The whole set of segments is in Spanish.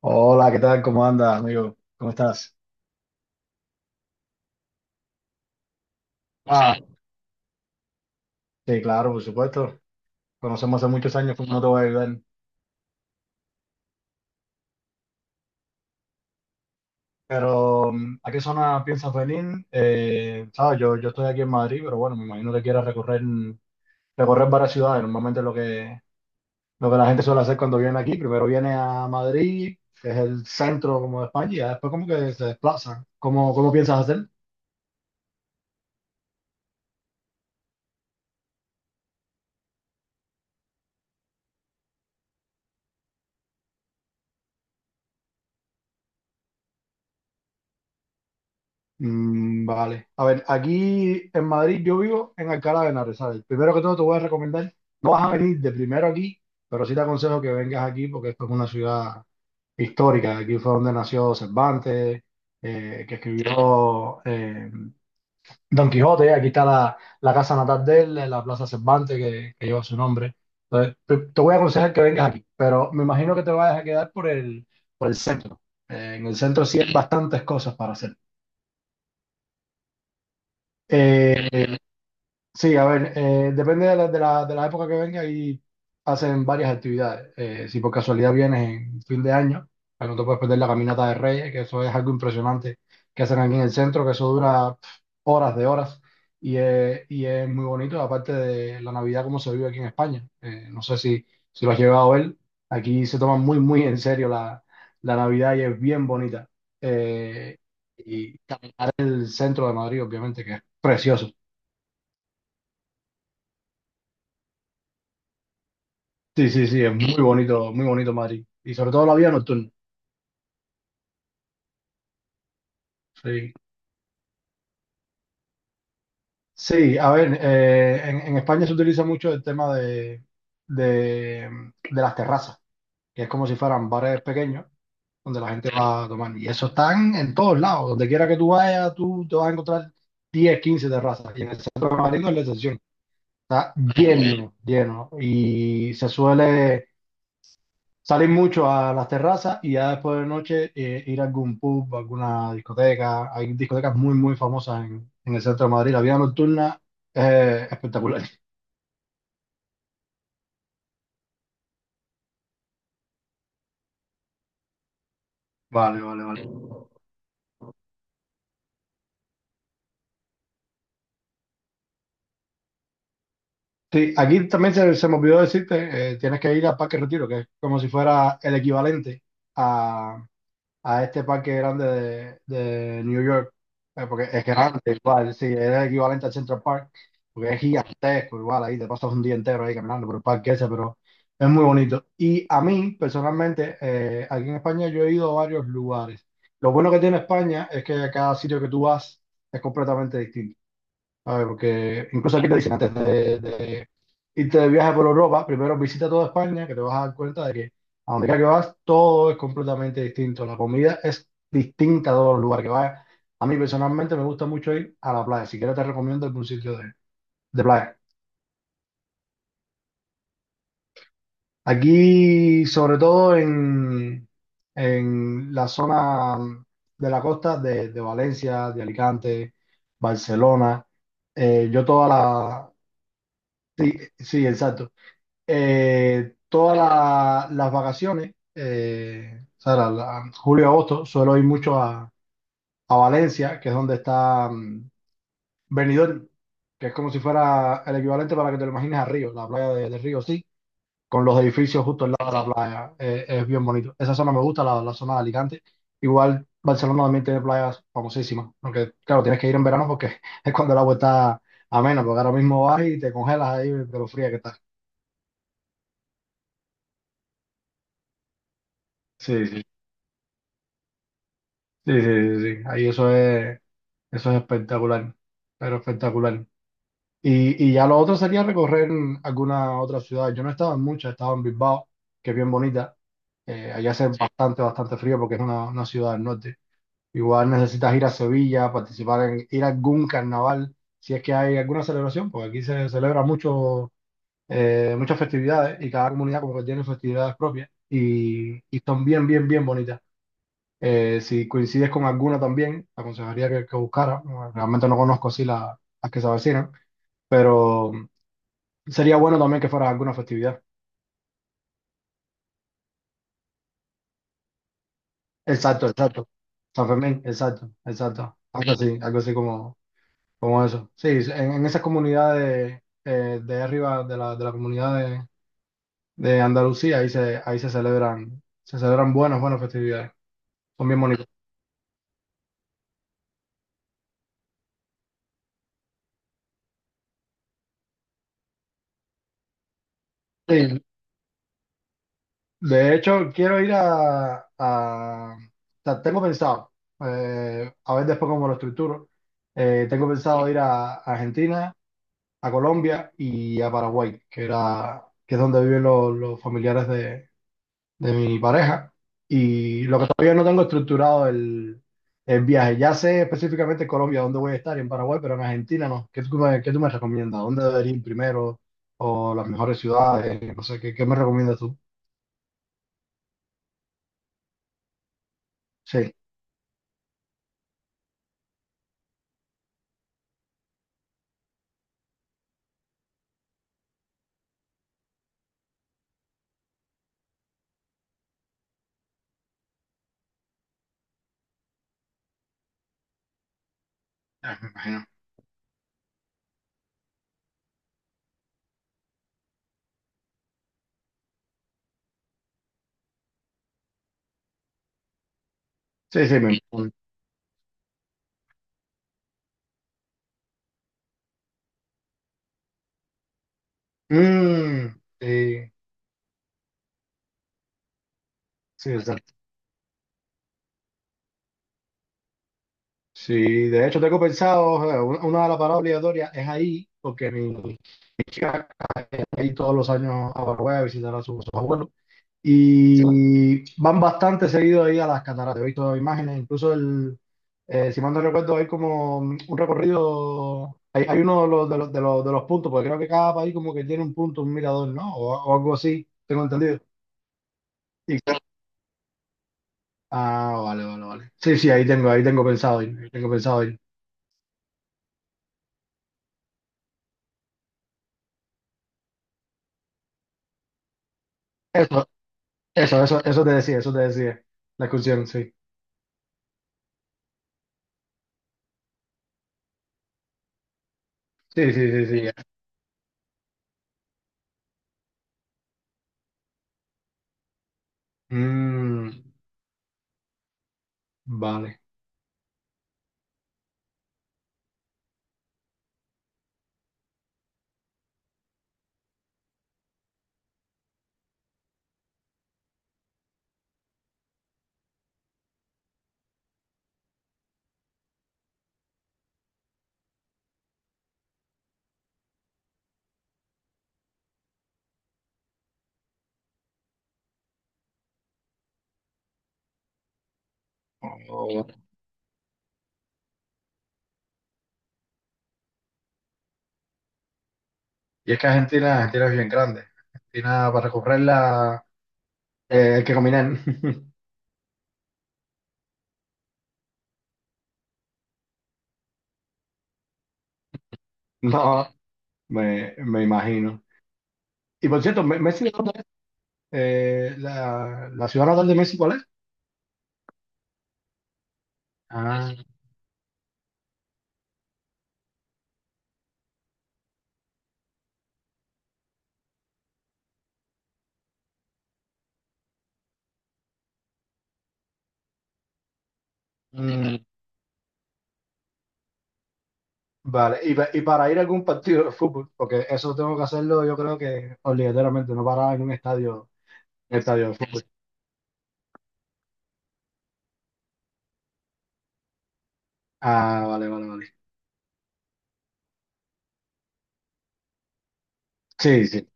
Hola, ¿qué tal? ¿Cómo andas, amigo? ¿Cómo estás? Ah, Sí, claro, por supuesto. Conocemos hace muchos años, pues no te voy a ayudar. Pero, ¿a qué zona piensas venir? Sabes, yo estoy aquí en Madrid, pero bueno, me imagino que quieras recorrer varias ciudades. Normalmente lo que la gente suele hacer cuando viene aquí, primero viene a Madrid, que es el centro como de España, y ya después como que se desplaza. ¿Cómo piensas hacer? Vale. A ver, aquí en Madrid yo vivo en Alcalá de Henares, ¿sabes? Primero que todo te voy a recomendar, no vas a venir de primero aquí, pero sí te aconsejo que vengas aquí porque esto es una ciudad histórica. Aquí fue donde nació Cervantes, que escribió Don Quijote. Aquí está la casa natal de él, la Plaza Cervantes que lleva su nombre. Entonces, te voy a aconsejar que vengas aquí, pero me imagino que te vayas a quedar por por el centro. En el centro sí hay bastantes cosas para hacer. Eh, Sí, a ver, depende de de la época que venga y hacen varias actividades. Si por casualidad vienes en fin de año, pues no te puedes perder la caminata de Reyes, que eso es algo impresionante que hacen aquí en el centro, que eso dura horas de horas y es muy bonito, aparte de la Navidad como se vive aquí en España. No sé si lo has llegado a ver, aquí se toma muy en serio la Navidad y es bien bonita. Eh, y caminar el centro de Madrid, obviamente, que es precioso. Sí, sí, sí, es muy bonito Madrid. Y sobre todo la vida nocturna. Sí, sí, a ver, en España se utiliza mucho el tema de, de las terrazas, que es como si fueran bares pequeños donde la gente va a tomar. Y eso están en todos lados, donde quiera que tú vayas, tú te vas a encontrar 10, 15 terrazas. Y en el centro de Madrid no es la excepción. Está lleno, lleno. Y se suele salir mucho a las terrazas y ya después de noche ir a algún pub, alguna discoteca. Hay discotecas muy, muy famosas en el centro de Madrid. La vida nocturna es espectacular. Vale, vale, vale. Sí, aquí también se me olvidó decirte, tienes que ir al Parque Retiro, que es como si fuera el equivalente a este parque grande de New York, grande igual, sí, es el equivalente al Central Park, porque es gigantesco igual, ahí te pasas un día entero ahí caminando por el parque ese, pero es muy bonito. Y a mí, personalmente, aquí en España yo he ido a varios lugares. Lo bueno que tiene España es que cada sitio que tú vas es completamente distinto. A ver, porque incluso aquí te dicen antes de irte de viaje por Europa, primero visita toda España, que te vas a dar cuenta de que a donde quiera que vas, todo es completamente distinto. La comida es distinta a todos los lugares que vayas. A mí personalmente me gusta mucho ir a la playa. Si quieres te recomiendo algún sitio de playa. Aquí, sobre todo en la zona de la costa de Valencia, de Alicante, Barcelona, yo toda la... Sí, exacto. Las vacaciones, o sea, julio y agosto, suelo ir mucho a Valencia, que es donde está Benidorm, que es como si fuera el equivalente para que te lo imagines a Río, la playa de Río, sí, con los edificios justo al lado de la playa. Es bien bonito. Esa zona me gusta, la zona de Alicante. Igual Barcelona también tiene playas famosísimas, aunque claro, tienes que ir en verano porque es cuando el agua está amena, porque ahora mismo vas y te congelas ahí de lo fría que está. Sí, sí. Sí, sí, sí, sí. Ahí eso es espectacular, pero espectacular. Y ya lo otro sería recorrer alguna otra ciudad. Yo no he estado en muchas, he estado en Bilbao, que es bien bonita. Allá hace Sí. bastante, bastante frío porque es una ciudad del norte. Igual necesitas ir a Sevilla, participar en, ir a algún carnaval, si es que hay alguna celebración, porque aquí se celebra mucho, muchas festividades y cada comunidad como que tiene festividades propias y son bien, bien, bien bonitas. Si coincides con alguna también, te aconsejaría que buscara. No, realmente no conozco así la- las que se avecinan, pero sería bueno también que fuera alguna festividad. Exacto, exacto. San Fermín, exacto, exacto. Algo así como, como eso. Sí, en esas comunidades de arriba de la comunidad de Andalucía, ahí se celebran buenas, buenas festividades. Son bien bonitas. Sí, de hecho, quiero ir o sea, tengo pensado, a ver después cómo lo estructuro, tengo pensado ir a Argentina, a Colombia y a Paraguay, que es donde viven los familiares de mi pareja. Y lo que todavía no tengo estructurado el viaje. Ya sé específicamente en Colombia dónde voy a estar y en Paraguay, pero en Argentina no. Qué tú me recomiendas? ¿Dónde debería ir primero? ¿O las mejores ciudades? No sé, qué me recomiendas tú? Sí. Sí, sí, me... Mm, sí, sí, exacto. Sí, de hecho tengo pensado, una de las paradas obligatorias es ahí, porque mi chica va ahí todos los años a Paraguay a visitar a sus abuelos. Y van bastante seguido ahí a las cataratas. He visto imágenes, incluso si mal no recuerdo, hay como un recorrido, hay uno de de los puntos, porque creo que cada país como que tiene un punto, un mirador, ¿no? O algo así, tengo entendido. Ah, vale, vale, vale. Sí, sí, ahí tengo pensado ir, ahí tengo pensado ir. Eso, eso te decía, eso te decía. La excursión, sí. Sí, sí, sí, sí. Ya. Mm, vale. Oh, vale. Y es que Argentina, Argentina es bien grande. Argentina para recorrerla hay que caminar. No, me imagino. Y por cierto, Messi, ¿de ¿dónde es? La ciudad natal de Messi, ¿cuál es? Ah, mm. Vale, y, y para ir a algún partido de fútbol, porque eso tengo que hacerlo yo creo que obligatoriamente, no parar en un estadio de fútbol. Ah, vale, vale, vale. Sí, sí.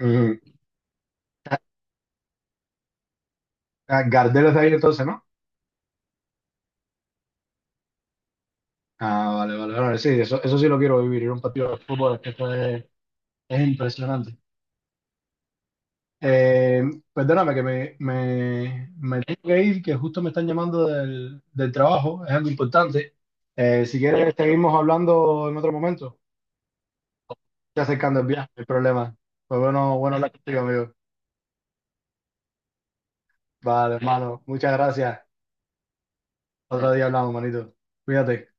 Ujú. Ah, Gardel es de ahí entonces, ¿no? Ah, vale, vale, vale. Sí, eso sí lo quiero vivir, ir a un partido de fútbol, es que eso es impresionante. Eh, perdóname me tengo que ir, que justo me están llamando del trabajo, es algo importante. Si quieres, seguimos hablando en otro momento. Ya acercando el viaje, el problema. Pues bueno, bueno hablar contigo, amigo. Vale, hermano, muchas gracias. Otro día hablamos, manito. Cuídate.